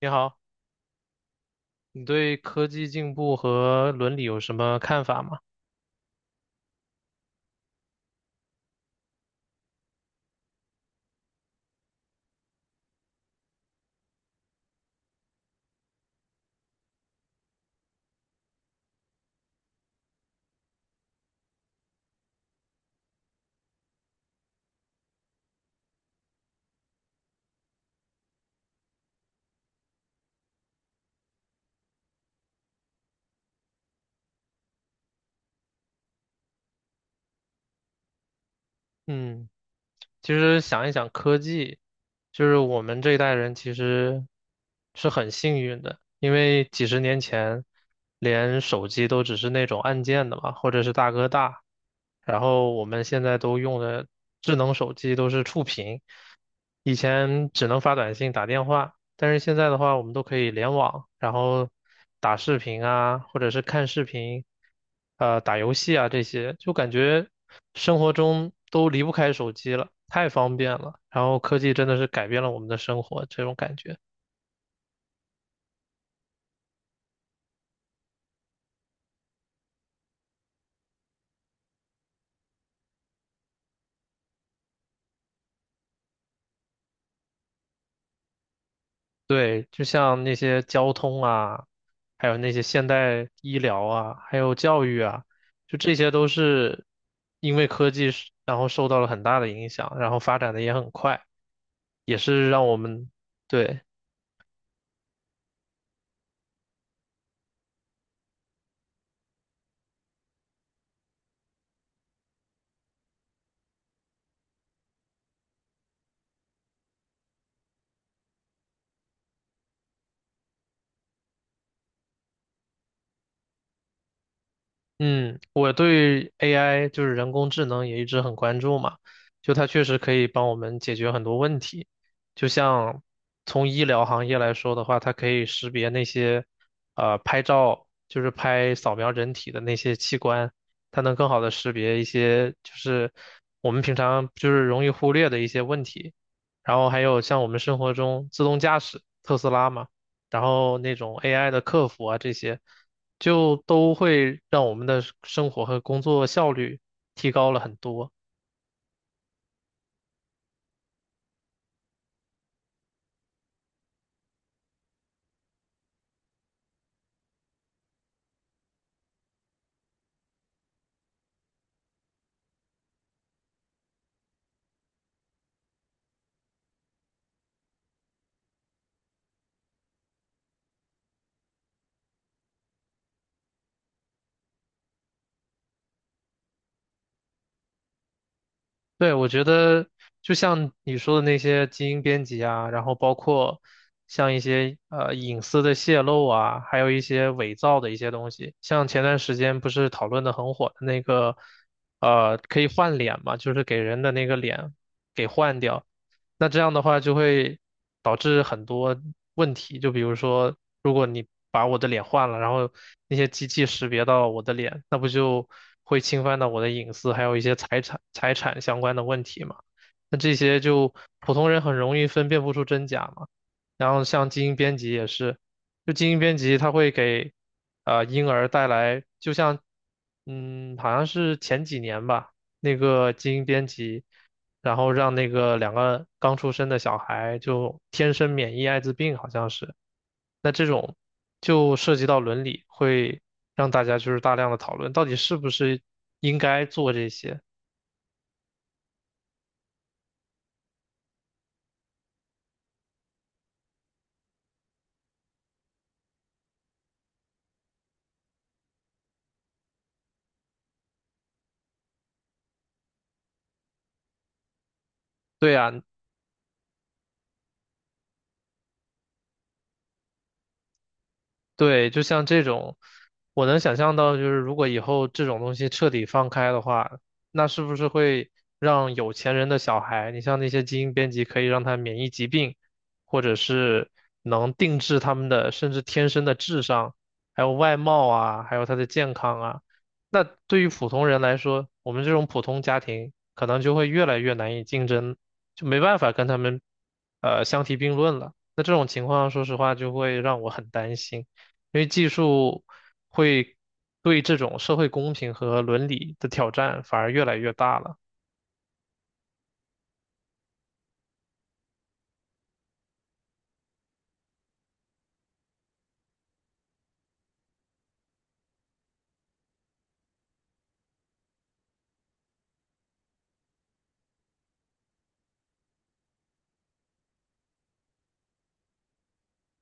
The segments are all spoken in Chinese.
你好，你对科技进步和伦理有什么看法吗？嗯，其实想一想，科技就是我们这一代人其实是很幸运的，因为几十年前连手机都只是那种按键的嘛，或者是大哥大，然后我们现在都用的智能手机都是触屏，以前只能发短信、打电话。但是现在的话，我们都可以联网，然后打视频啊，或者是看视频，打游戏啊这些，就感觉生活中都离不开手机了，太方便了。然后科技真的是改变了我们的生活，这种感觉。对，就像那些交通啊，还有那些现代医疗啊，还有教育啊，就这些都是因为科技是，然后受到了很大的影响，然后发展的也很快，也是让我们，对。嗯，我对 AI 就是人工智能也一直很关注嘛，就它确实可以帮我们解决很多问题。就像从医疗行业来说的话，它可以识别那些拍照，就是拍扫描人体的那些器官，它能更好的识别一些就是我们平常就是容易忽略的一些问题。然后还有像我们生活中自动驾驶，特斯拉嘛，然后那种 AI 的客服啊这些。就都会让我们的生活和工作效率提高了很多。对，我觉得就像你说的那些基因编辑啊，然后包括像一些隐私的泄露啊，还有一些伪造的一些东西，像前段时间不是讨论的很火的那个可以换脸嘛，就是给人的那个脸给换掉。那这样的话就会导致很多问题，就比如说，如果你把我的脸换了，然后那些机器识别到我的脸，那不就会侵犯到我的隐私，还有一些财产相关的问题嘛？那这些就普通人很容易分辨不出真假嘛。然后像基因编辑也是，就基因编辑它会给婴儿带来，就像好像是前几年吧，那个基因编辑。然后让那个两个刚出生的小孩就天生免疫艾滋病，好像是。那这种就涉及到伦理，会让大家就是大量的讨论，到底是不是应该做这些？对啊，对，就像这种，我能想象到，就是如果以后这种东西彻底放开的话，那是不是会让有钱人的小孩，你像那些基因编辑，可以让他免疫疾病，或者是能定制他们的，甚至天生的智商，还有外貌啊，还有他的健康啊。那对于普通人来说，我们这种普通家庭可能就会越来越难以竞争，就没办法跟他们，相提并论了。那这种情况，说实话，就会让我很担心。因为技术会对这种社会公平和伦理的挑战反而越来越大了。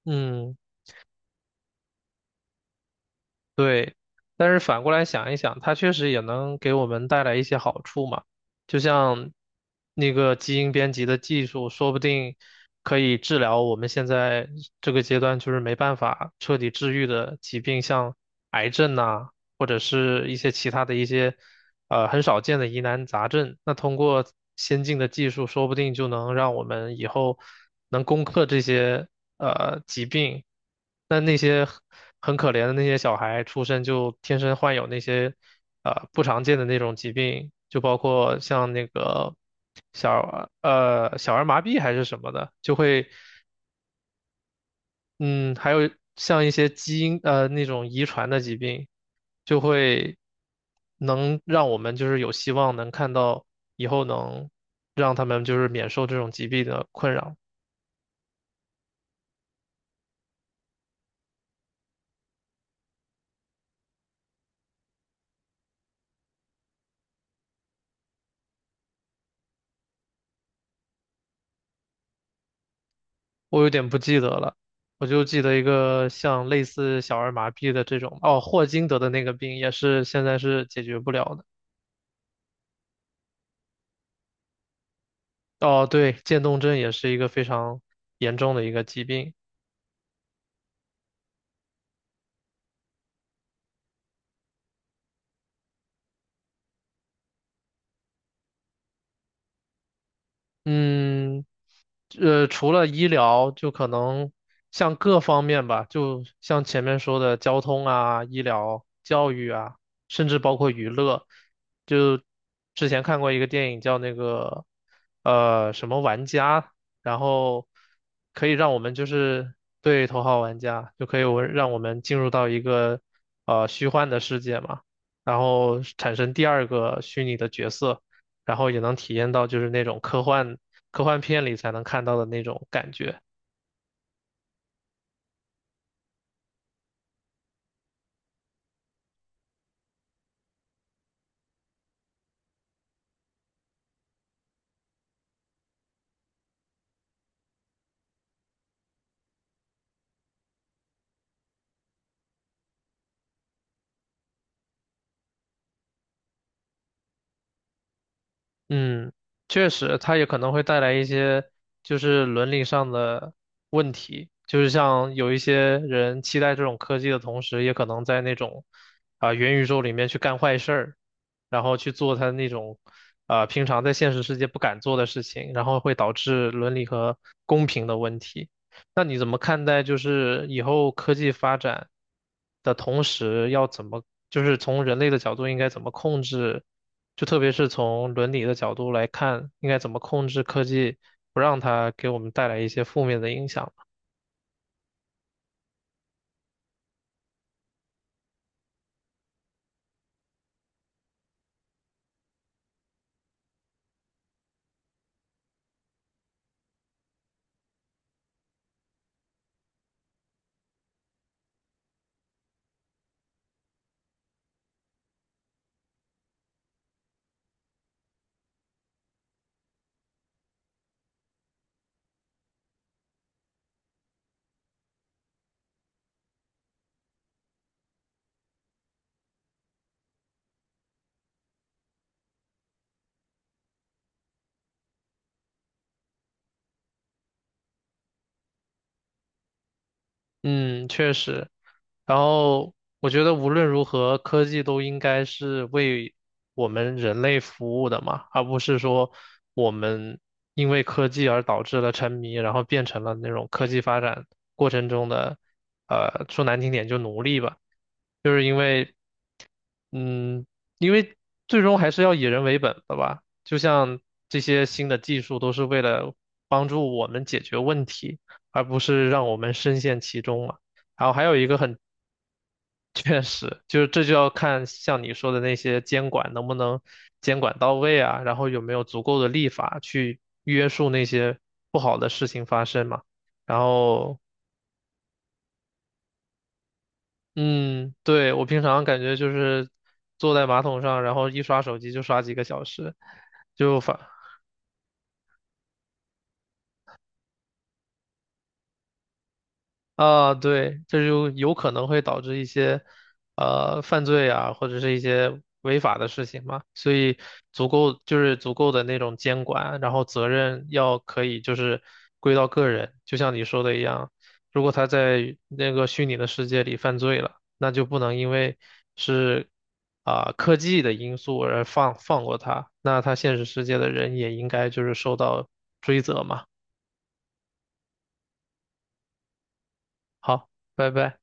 嗯，对。但是反过来想一想，它确实也能给我们带来一些好处嘛。就像那个基因编辑的技术，说不定可以治疗我们现在这个阶段就是没办法彻底治愈的疾病，像癌症呐、或者是一些其他的一些很少见的疑难杂症。那通过先进的技术，说不定就能让我们以后能攻克这些疾病。那那些很可怜的那些小孩，出生就天生患有那些不常见的那种疾病，就包括像那个小儿麻痹还是什么的，就会。嗯，还有像一些基因那种遗传的疾病，就会能让我们就是有希望能看到以后能让他们就是免受这种疾病的困扰。我有点不记得了，我就记得一个像类似小儿麻痹的这种，哦，霍金得的那个病也是现在是解决不了的。哦，对，渐冻症也是一个非常严重的一个疾病。嗯，除了医疗，就可能像各方面吧，就像前面说的交通啊、医疗、教育啊，甚至包括娱乐。就之前看过一个电影叫那个什么玩家，然后可以让我们就是，对，头号玩家，就可以我让我们进入到一个虚幻的世界嘛，然后产生第二个虚拟的角色。然后也能体验到就是那种科幻片里才能看到的那种感觉。嗯，确实，它也可能会带来一些就是伦理上的问题，就是像有一些人期待这种科技的同时，也可能在那种啊、元宇宙里面去干坏事儿，然后去做他那种啊、平常在现实世界不敢做的事情，然后会导致伦理和公平的问题。那你怎么看待就是以后科技发展的同时，要怎么就是从人类的角度应该怎么控制？就特别是从伦理的角度来看，应该怎么控制科技，不让它给我们带来一些负面的影响。嗯，确实。然后我觉得无论如何，科技都应该是为我们人类服务的嘛，而不是说我们因为科技而导致了沉迷，然后变成了那种科技发展过程中的，说难听点就奴隶吧。嗯，因为最终还是要以人为本的吧。就像这些新的技术都是为了帮助我们解决问题，而不是让我们深陷其中嘛。然后还有一个很 确实，就是这就要看像你说的那些监管能不能监管到位啊，然后有没有足够的立法去约束那些不好的事情发生嘛。然后嗯，对，我平常感觉就是坐在马桶上，然后一刷手机就刷几个小时，就反啊，对，这就有可能会导致一些犯罪啊，或者是一些违法的事情嘛，所以足够的那种监管，然后责任要可以就是归到个人，就像你说的一样，如果他在那个虚拟的世界里犯罪了，那就不能因为是啊、科技的因素而放过他，那他现实世界的人也应该就是受到追责嘛。好，拜拜。